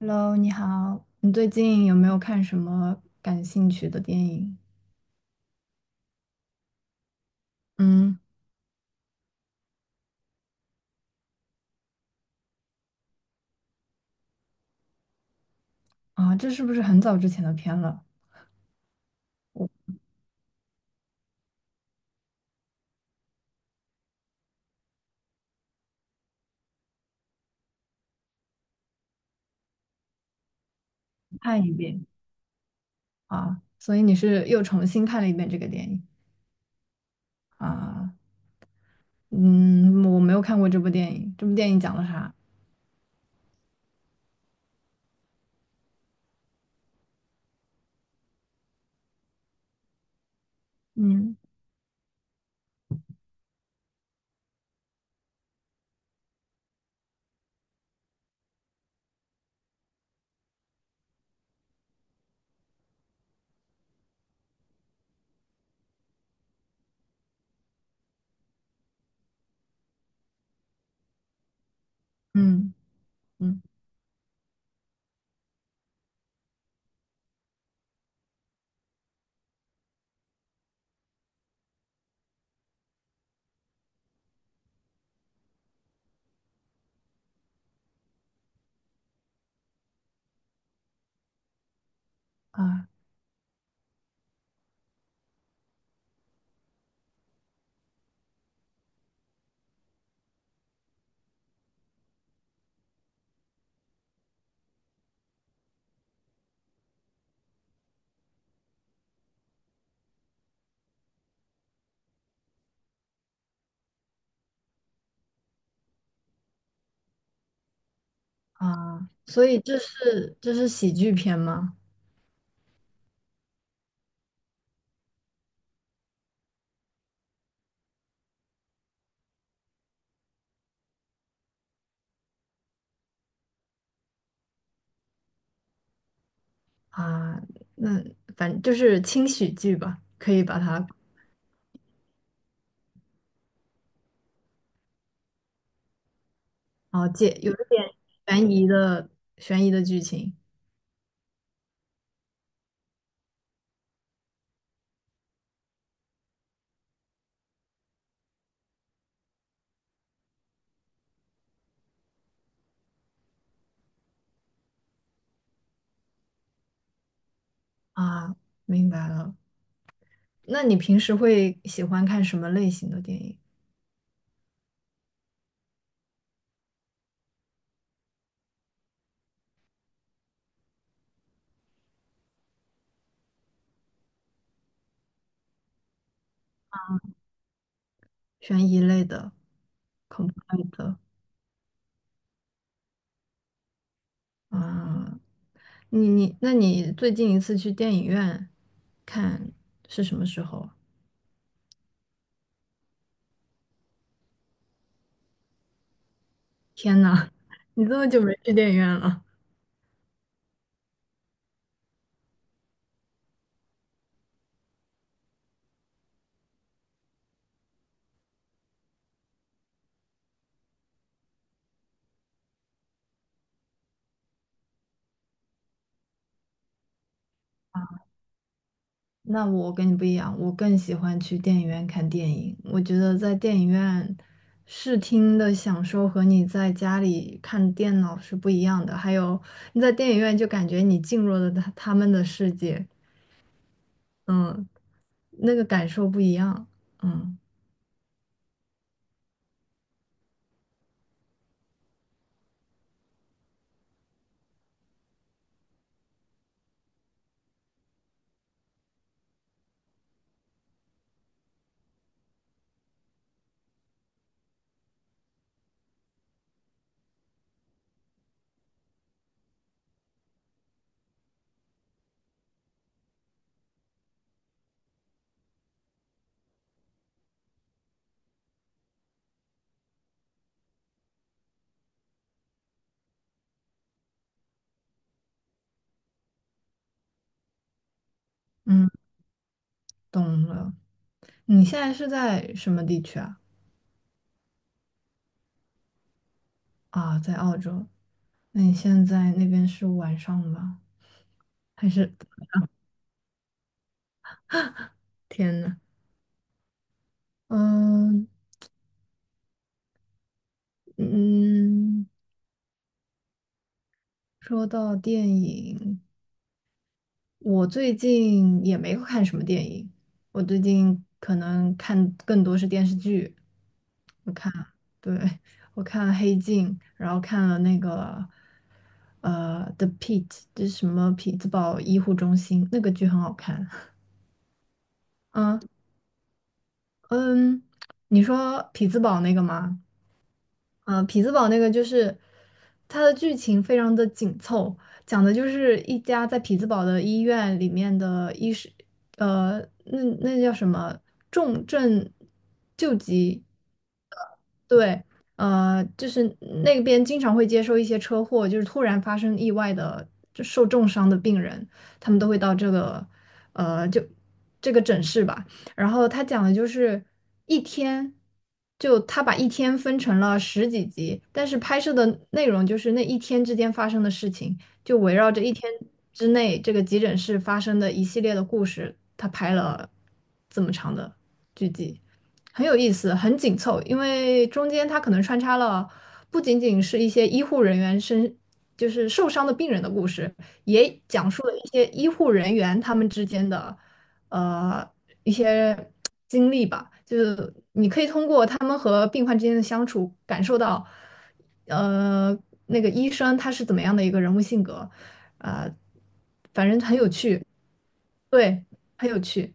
Hello，你好，你最近有没有看什么感兴趣的电影？嗯。啊，这是不是很早之前的片了？看一遍啊，所以你是又重新看了一遍这个电影。啊？嗯，我没有看过这部电影，这部电影讲了啥？嗯嗯嗯。啊啊，所以这是喜剧片吗？啊，那反正就是轻喜剧吧，可以把它。啊借有一点悬疑的悬疑的剧情。啊，明白了。那你平时会喜欢看什么类型的电影？悬疑类的、恐怖类的。啊？那你最近一次去电影院看是什么时候啊？天呐，你这么久没去电影院了。那我跟你不一样，我更喜欢去电影院看电影。我觉得在电影院视听的享受和你在家里看电脑是不一样的。还有你在电影院就感觉你进入了他们的世界。嗯，那个感受不一样。嗯嗯，懂了。你现在是在什么地区啊？啊，在澳洲。那你现在那边是晚上吗？还是天呐。嗯嗯，说到电影，我最近也没有看什么电影，我最近可能看更多是电视剧。我看，对，我看了《黑镜》，然后看了那个《The Pit》， 这是什么匹兹堡医护中心，那个剧很好看。嗯。嗯，你说匹兹堡那个吗？啊，匹兹堡那个就是它的剧情非常的紧凑，讲的就是一家在匹兹堡的医院里面的医师，呃，那叫什么重症救急，对，就是那边经常会接受一些车祸，就是突然发生意外的就受重伤的病人，他们都会到这个就这个诊室吧。然后他讲的就是一天，就他把一天分成了十几集，但是拍摄的内容就是那一天之间发生的事情，就围绕着一天之内这个急诊室发生的一系列的故事，他拍了这么长的剧集，很有意思，很紧凑，因为中间他可能穿插了不仅仅是一些医护人员身。就是受伤的病人的故事，也讲述了一些医护人员他们之间的呃一些经历吧，就是你可以通过他们和病患之间的相处，感受到，呃，那个医生他是怎么样的一个人物性格，啊、反正很有趣，对，很有趣。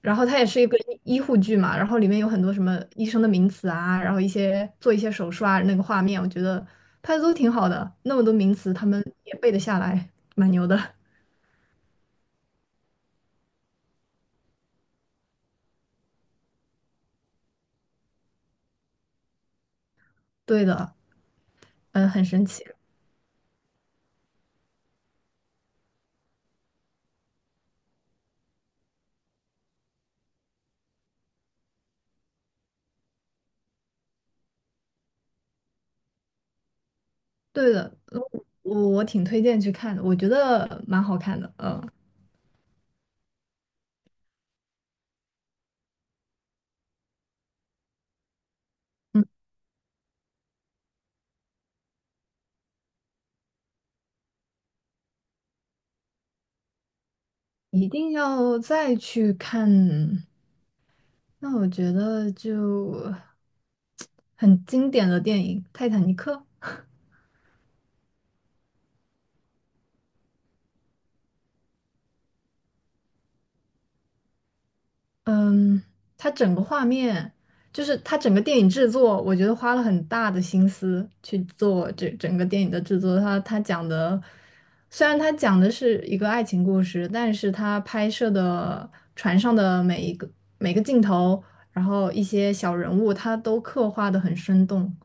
然后它也是一个医护剧嘛，然后里面有很多什么医生的名词啊，然后一些做一些手术啊，那个画面，我觉得拍的都挺好的，那么多名词他们也背得下来，蛮牛的。对的，嗯，很神奇。对的，呃我挺推荐去看的，我觉得蛮好看的。嗯嗯，一定要再去看。那我觉得就 很经典的电影《泰坦尼克》。嗯，它整个画面，就是它整个电影制作，我觉得花了很大的心思去做这整个电影的制作。它讲的，虽然它讲的是一个爱情故事，但是它拍摄的船上的每个镜头，然后一些小人物，他都刻画的很生动。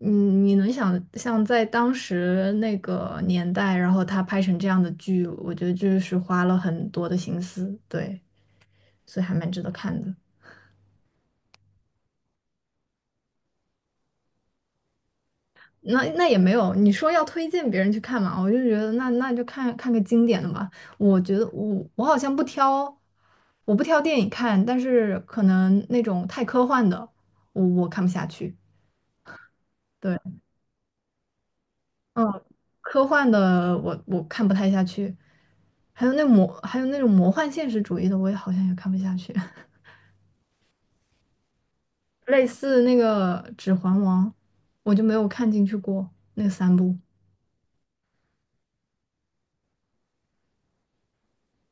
嗯，你能想象在当时那个年代，然后他拍成这样的剧，我觉得就是花了很多的心思，对。所以还蛮值得看的。那也没有，你说要推荐别人去看嘛，我就觉得那就看看个经典的吧。我觉得我好像不挑，我不挑电影看，但是可能那种太科幻的，我看不下去。对，嗯，科幻的我看不太下去，还有那种魔幻现实主义的，我也好像也看不下去。类似那个《指环王》，我就没有看进去过那三部。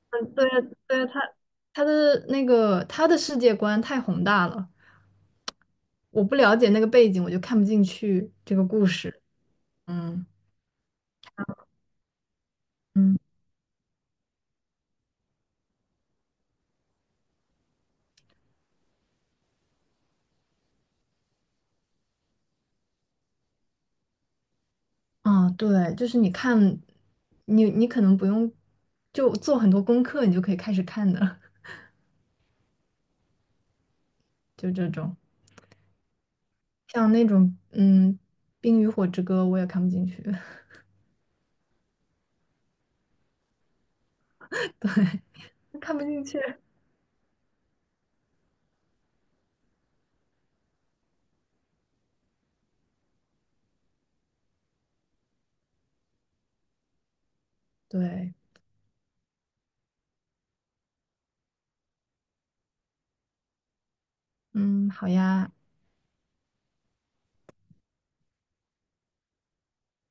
对啊对啊，他的世界观太宏大了，我不了解那个背景，我就看不进去这个故事。嗯。嗯，啊，对，就是你看，你可能不用就做很多功课，你就可以开始看的，就这种。像那种《冰与火之歌》，我也看不进去，对，看不进去。对，嗯，好呀。